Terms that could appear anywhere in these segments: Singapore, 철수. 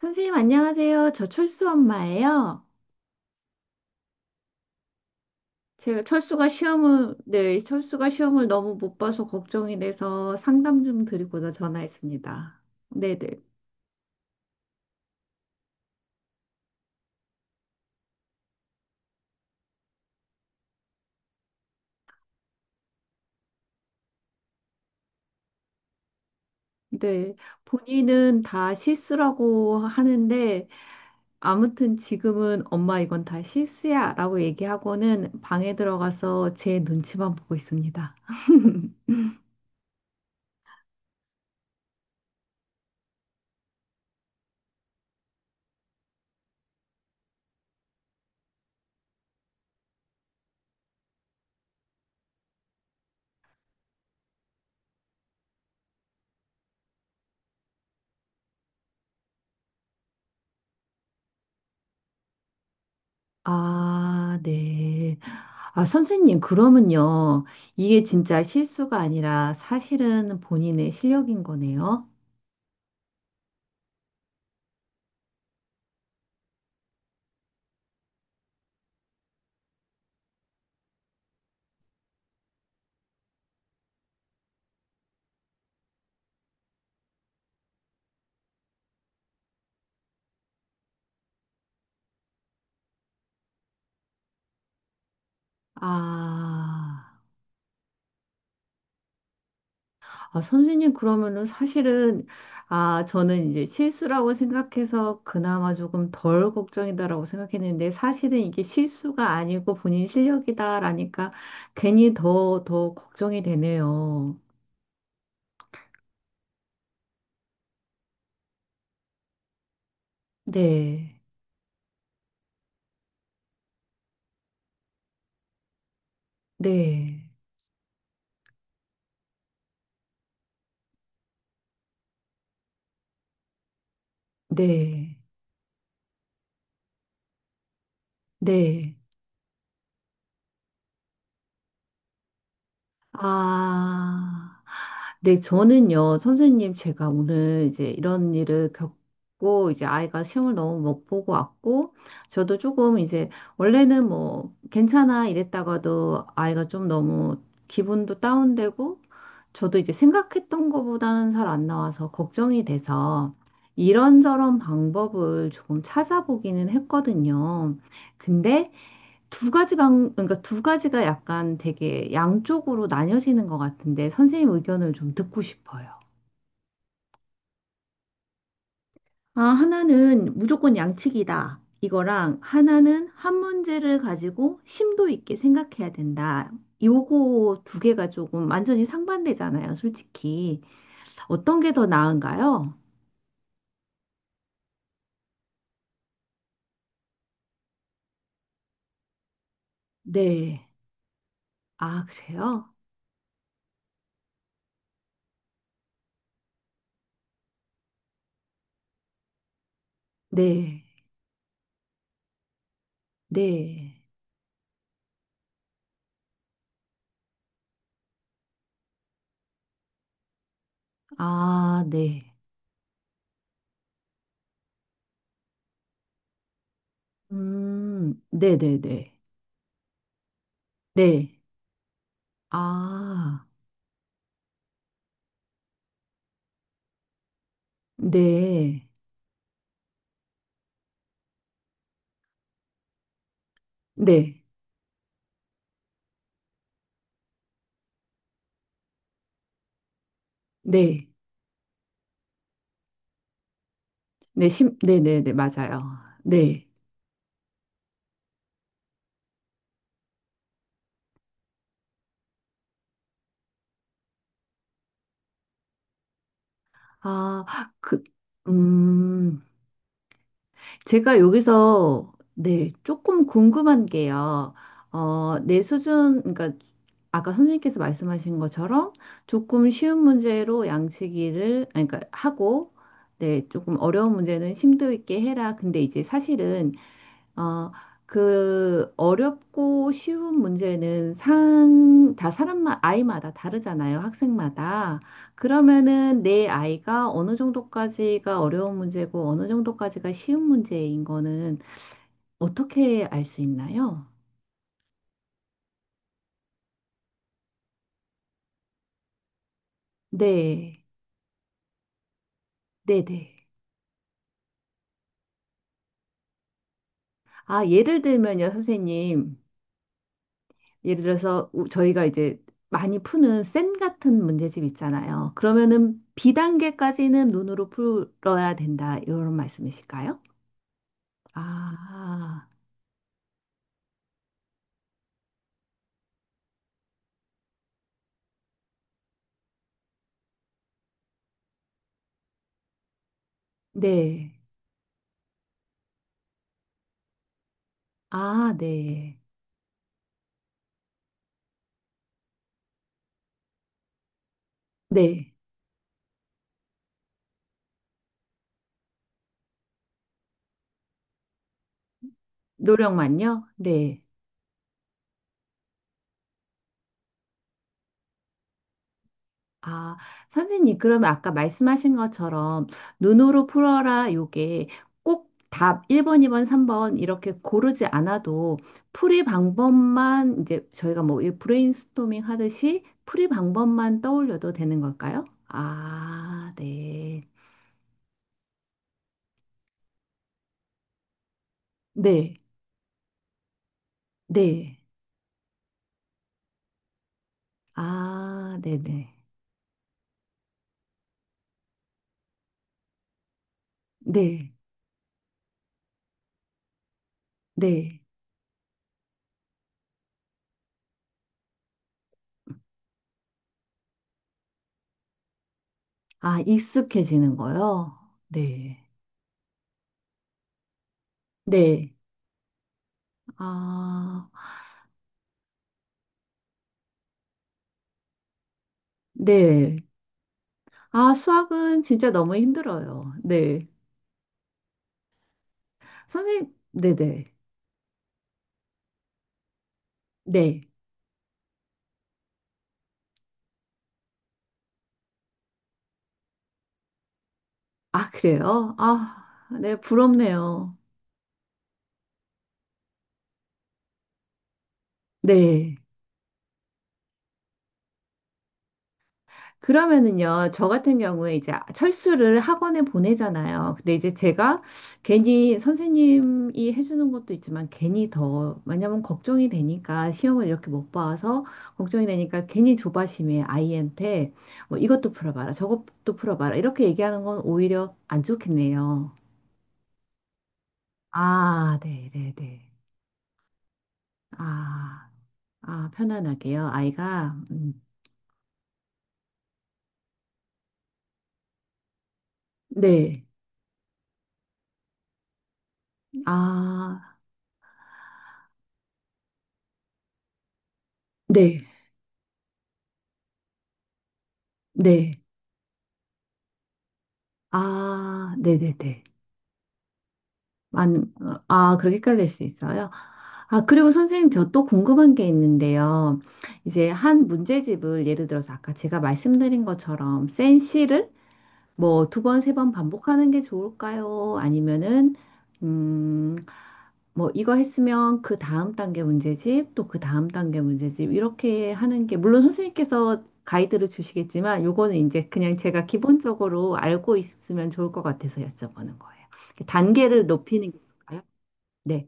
선생님, 안녕하세요. 저 철수 엄마예요. 제가 네, 철수가 시험을 너무 못 봐서 걱정이 돼서 상담 좀 드리고자 전화했습니다. 네네. 네. 네. 본인은 다 실수라고 하는데, 아무튼 지금은 엄마 이건 다 실수야 라고 얘기하고는 방에 들어가서 제 눈치만 보고 있습니다. 아, 네. 아, 선생님, 그러면요. 이게 진짜 실수가 아니라 사실은 본인의 실력인 거네요. 아, 아, 선생님, 그러면은 사실은, 아, 저는 이제 실수라고 생각해서 그나마 조금 덜 걱정이다라고 생각했는데 사실은 이게 실수가 아니고 본인 실력이다라니까 괜히 더 걱정이 되네요. 네, 네, 네, 네. 아. 네, 저는요, 선생님, 제가 오늘 이제 이런 일을 겪고, 이제 아이가 시험을 너무 못 보고 왔고, 저도 조금 이제, 원래는 뭐, 괜찮아 이랬다가도 아이가 좀 너무 기분도 다운되고, 저도 이제 생각했던 것보다는 잘 안 나와서 걱정이 돼서, 이런저런 방법을 조금 찾아보기는 했거든요. 근데, 그러니까 두 가지가 약간 되게 양쪽으로 나뉘어지는 것 같은데 선생님 의견을 좀 듣고 싶어요. 아, 하나는 무조건 양측이다. 이거랑 하나는 한 문제를 가지고 심도 있게 생각해야 된다. 요거 두 개가 조금 완전히 상반되잖아요, 솔직히. 어떤 게 더 나은가요? 네. 아, 그래요? 네. 네. 아, 네. 네네네. 네. 네. 네. 아. 네, 네, 네, 네, 네, 네, 네, 맞아요. 네. 아, 그, 음, 제가 여기서, 네, 조금 궁금한 게요. 어, 내 수준, 그러니까 아까 선생님께서 말씀하신 것처럼 조금 쉬운 문제로 양치기를, 아니, 그러니까 하고, 네, 조금 어려운 문제는 심도 있게 해라. 근데 이제 사실은 어, 그 어렵고 쉬운 문제는 아이마다 다르잖아요. 학생마다. 그러면은 내 아이가 어느 정도까지가 어려운 문제고 어느 정도까지가 쉬운 문제인 거는 어떻게 알 수 있나요? 네. 네네. 아, 예를 들면요, 선생님. 예를 들어서 저희가 이제 많이 푸는 센 같은 문제집 있잖아요. 그러면은 비단계까지는 눈으로 풀어야 된다. 이런 말씀이실까요? 아, 네. 아, 네. 네. 노력만요? 네. 아, 선생님, 그러면 아까 말씀하신 것처럼 눈으로 풀어라 요게 꼭 답 1번, 2번, 3번 이렇게 고르지 않아도 풀이 방법만 이제 저희가 뭐이 브레인스토밍 하듯이 풀이 방법만 떠올려도 되는 걸까요? 아, 네. 네. 네. 아, 네네. 네. 네. 네. 아, 익숙해지는 거요? 네. 네. 아, 네. 아, 수학은 진짜 너무 힘들어요. 네. 선생님, 네네. 네. 아, 그래요? 아, 네, 부럽네요. 네. 그러면은요, 저 같은 경우에 이제 철수를 학원에 보내잖아요. 근데 이제 제가 괜히 선생님이 해주는 것도 있지만 괜히 더, 왜냐면 걱정이 되니까 시험을 이렇게 못 봐서 걱정이 되니까 괜히 조바심에 아이한테 뭐 이것도 풀어봐라, 저것도 풀어봐라 이렇게 얘기하는 건 오히려 안 좋겠네요. 아, 네, 네, 네. 아, 아, 편안하게요. 아이가, 네. 아, 네, 네. 아, 네, 네, 네. 아, 그렇게 헷갈릴 수 있어요. 아, 그리고 선생님, 저 또 궁금한 게 있는데요. 이제 한 문제집을 예를 들어서 아까 제가 말씀드린 것처럼 센 시를 뭐 두 번, 세 번 반복하는 게 좋을까요? 아니면은, 음, 뭐 이거 했으면 그 다음 단계 문제집, 또 그 다음 단계 문제집, 이렇게 하는 게, 물론 선생님께서 가이드를 주시겠지만, 요거는 이제 그냥 제가 기본적으로 알고 있으면 좋을 것 같아서 여쭤보는 거예요. 단계를 높이는 게 좋을까요? 네,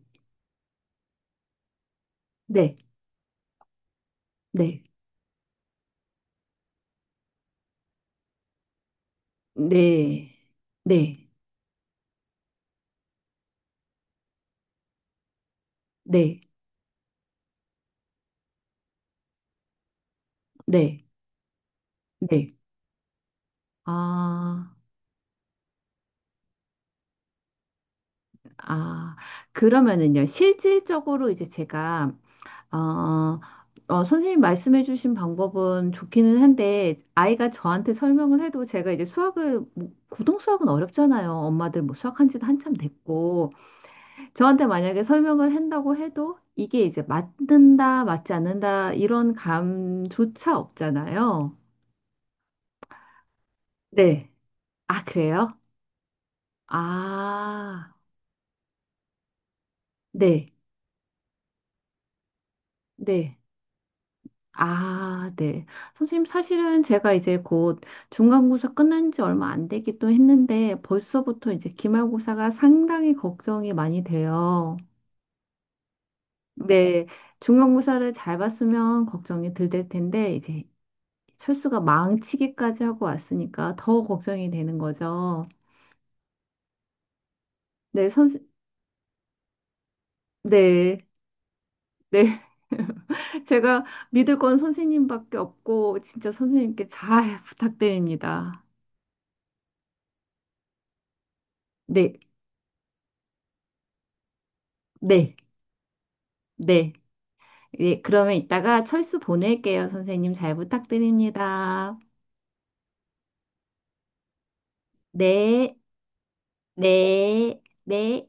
네, 네, 네, 네, 네, 네, 네. 아, 아, 그러면은요, 실질적으로 이제 제가, 어, 선생님 말씀해주신 방법은 좋기는 한데, 아이가 저한테 설명을 해도 제가 이제 수학을, 뭐, 고등 수학은 어렵잖아요. 엄마들 뭐 수학한 지도 한참 됐고, 저한테 만약에 설명을 한다고 해도, 이게 이제 맞는다, 맞지 않는다, 이런 감조차 없잖아요. 네. 아, 그래요? 아, 네, 네. 아, 네. 선생님, 사실은 제가 이제 곧 중간고사 끝난 지 얼마 안 되기도 했는데 벌써부터 이제 기말고사가 상당히 걱정이 많이 돼요. 네, 중간고사를 잘 봤으면 걱정이 덜 될 텐데 이제 철수가 망치기까지 하고 왔으니까 더 걱정이 되는 거죠. 네, 네, 네. 제가 믿을 건 선생님밖에 없고, 진짜 선생님께 잘 부탁드립니다. 네, 네, 네. 네, 그러면 이따가 철수 보낼게요. 선생님 잘 부탁드립니다. 네, 네, 네.